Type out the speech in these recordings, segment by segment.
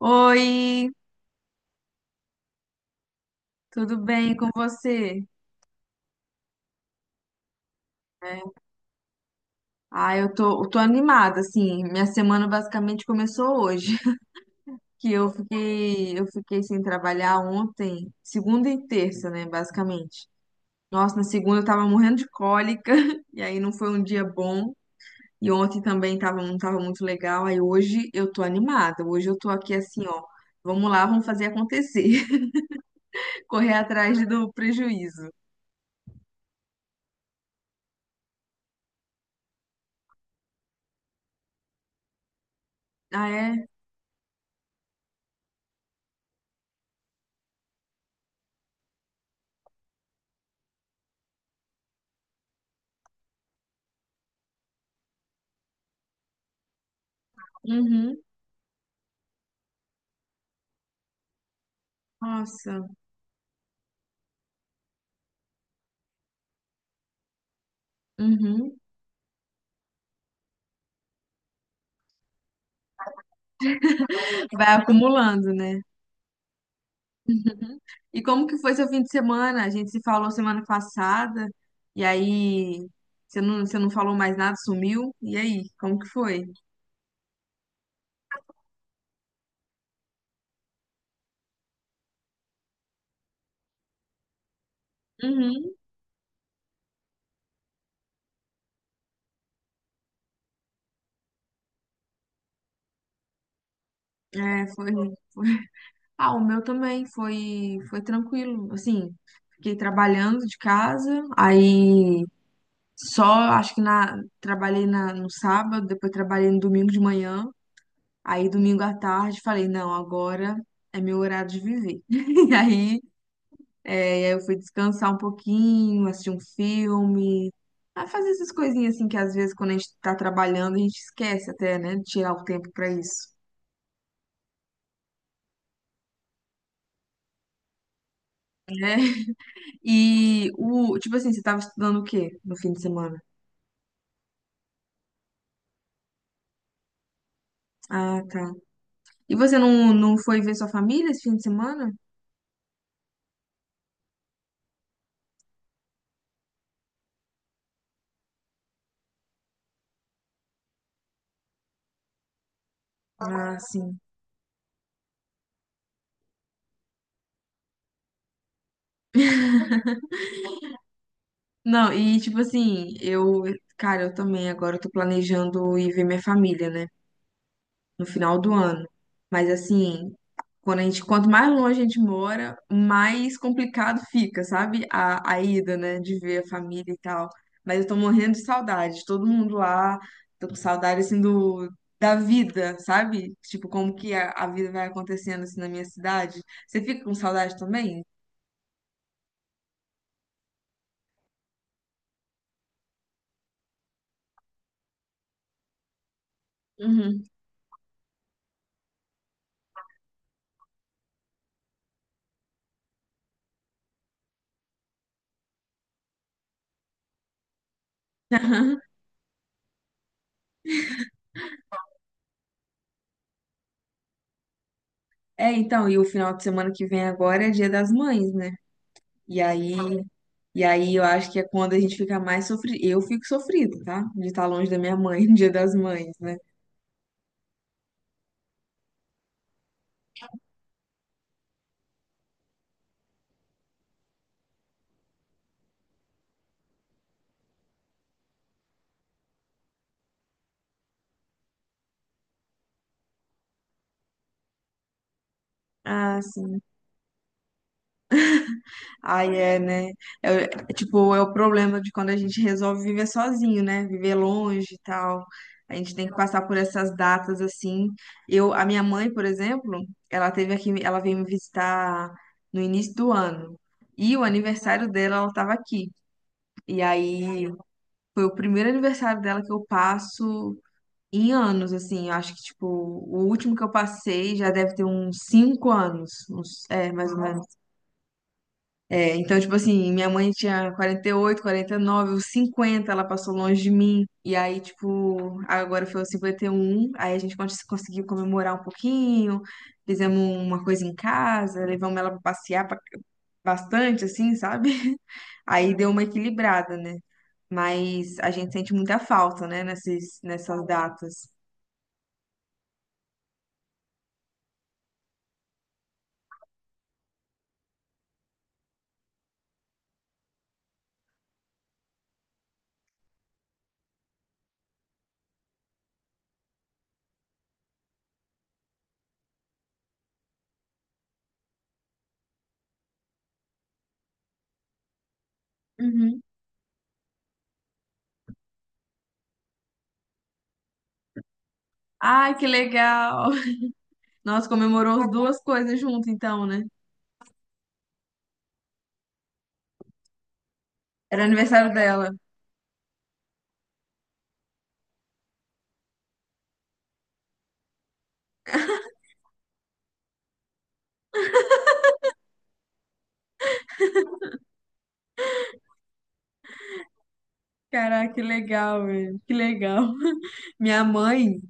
Oi, tudo bem com você? É. Ah, eu tô animada, assim, minha semana basicamente começou hoje. Que eu fiquei sem trabalhar ontem, segunda e terça, né, basicamente. Nossa, na segunda eu tava morrendo de cólica, e aí não foi um dia bom, e ontem também tava, não tava muito legal. Aí hoje eu tô animada, hoje eu tô aqui assim, ó, vamos lá, vamos fazer acontecer, correr atrás do prejuízo. Ah, é? Uhum. Nossa. Uhum. Vai acumulando, né? Uhum. E como que foi seu fim de semana? A gente se falou semana passada, e aí você não falou mais nada, sumiu. E aí, como que foi? Uhum. É, foi, foi- Ah, o meu também foi tranquilo. Assim, fiquei trabalhando de casa, aí só acho que trabalhei no sábado, depois trabalhei no domingo de manhã, aí domingo à tarde falei, não, agora é meu horário de viver. E aí É, e aí eu fui descansar um pouquinho, assistir um filme, a fazer essas coisinhas assim que às vezes quando a gente tá trabalhando a gente esquece até, né, de tirar o tempo pra isso. E o, tipo assim, você tava estudando o quê no fim de semana? Ah, tá. E você não, não foi ver sua família esse fim de semana? Ah, sim. Não, e tipo assim, eu, cara, eu também agora eu tô planejando ir ver minha família, né? No final do ano. Mas assim, quando a gente, quanto mais longe a gente mora, mais complicado fica, sabe? A ida, né? De ver a família e tal. Mas eu tô morrendo de saudade, de todo mundo lá, tô com saudade assim do. Da vida, sabe? Tipo, como que a vida vai acontecendo assim na minha cidade. Você fica com saudade também? Uhum. É, então, e o final de semana que vem agora é Dia das Mães, né? E aí E aí eu acho que é quando a gente fica mais sofrido. Eu fico sofrida, tá? De estar longe da minha mãe no Dia das Mães, né? Ah, sim. Aí é, né? É, é, tipo, é o problema de quando a gente resolve viver sozinho, né? Viver longe e tal. A gente tem que passar por essas datas assim. Eu, a minha mãe, por exemplo, ela teve aqui, ela veio me visitar no início do ano. E o aniversário dela, ela estava aqui. E aí foi o primeiro aniversário dela que eu passo em anos. Assim, eu acho que, tipo, o último que eu passei já deve ter uns 5 anos, uns, é, mais ou menos. É, então, tipo assim, minha mãe tinha 40, 48, 49, os 50 ela passou longe de mim, e aí, tipo, agora foi os 51, aí a gente conseguiu comemorar um pouquinho, fizemos uma coisa em casa, levamos ela pra passear pra- bastante, assim, sabe? Aí deu uma equilibrada, né? Mas a gente sente muita falta, né, nessas datas. Ai, que legal! Nossa, comemorou as duas coisas junto, então, né? Era aniversário dela. Caraca, que legal, velho. Que legal. Minha mãe,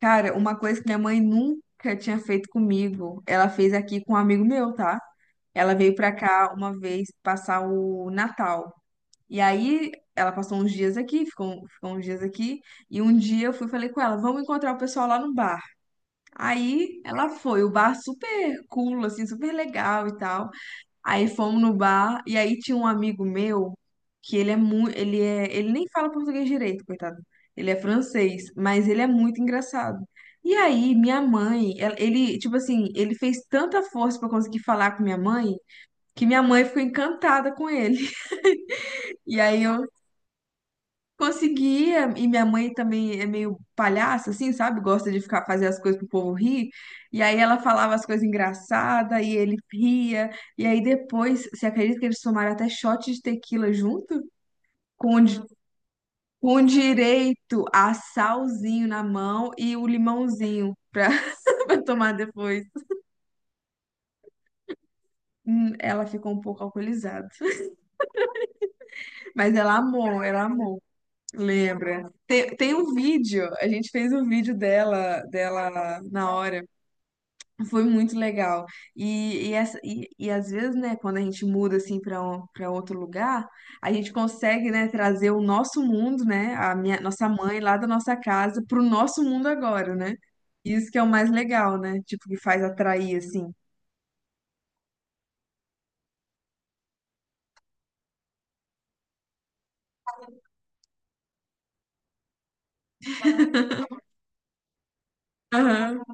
cara, uma coisa que minha mãe nunca tinha feito comigo, ela fez aqui com um amigo meu, tá? Ela veio pra cá uma vez passar o Natal. E aí, ela passou uns dias aqui, ficou uns dias aqui. E um dia eu fui e falei com ela, vamos encontrar o pessoal lá no bar. Aí, ela foi, o bar super cool, assim, super legal e tal. Aí fomos no bar e aí tinha um amigo meu que ele é muito, ele é, ele nem fala português direito, coitado. Ele é francês, mas ele é muito engraçado. E aí ele, tipo assim, ele fez tanta força pra conseguir falar com minha mãe que minha mãe ficou encantada com ele. E aí eu Conseguia, e minha mãe também é meio palhaça, assim, sabe? Gosta de ficar fazer as coisas pro povo rir. E aí ela falava as coisas engraçadas e ele ria. E aí depois, você acredita que eles tomaram até shot de tequila junto? Com, di- com direito a salzinho na mão e o limãozinho pra, pra tomar depois. Ela ficou um pouco alcoolizada. Mas ela amou. Lembra? Tem um vídeo, a gente fez um vídeo dela na hora. Foi muito legal. E às vezes, né, quando a gente muda assim para outro lugar, a gente consegue, né, trazer o nosso mundo, né, a nossa mãe lá da nossa casa para o nosso mundo agora, né? Isso que é o mais legal, né? Tipo, que faz atrair assim. Aham.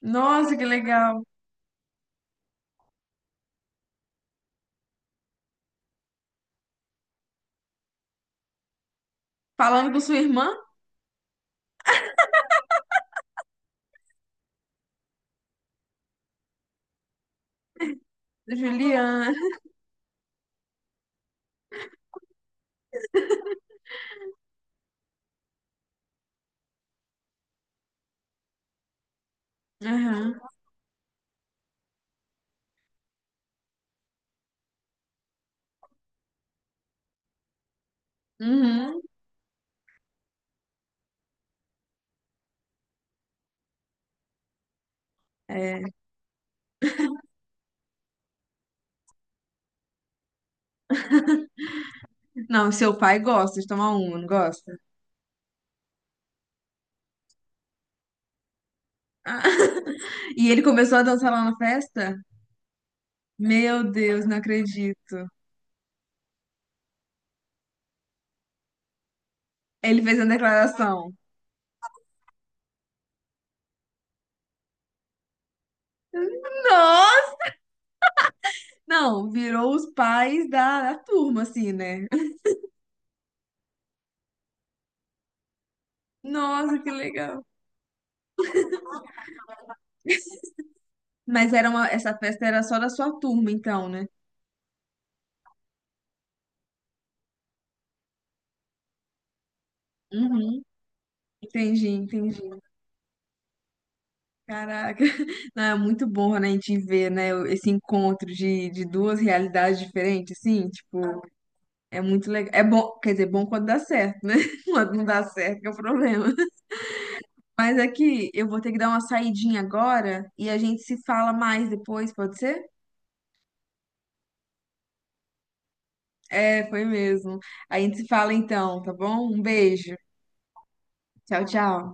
Nossa, que legal. Falando com sua irmã, Juliana. Aham. Uhum. É. Não, seu pai gosta de tomar uma, não gosta? E ele começou a dançar lá na festa? Meu Deus, não acredito. Ele fez uma declaração. Nossa! Não, virou os pais da turma, assim, né? Nossa, que legal. Mas era uma, essa festa era só da sua turma, então, né? Uhum. Entendi, entendi. Caraca. Não, é muito bom, né, a gente ver, né, o- esse encontro de duas realidades diferentes, assim, tipo, é muito legal. É bom, quer dizer, bom quando dá certo, né? Quando não dá certo, que é o problema. Mas aqui, eu vou ter que dar uma saidinha agora e a gente se fala mais depois, pode ser? É, foi mesmo. A gente se fala então, tá bom? Um beijo. Tchau, tchau.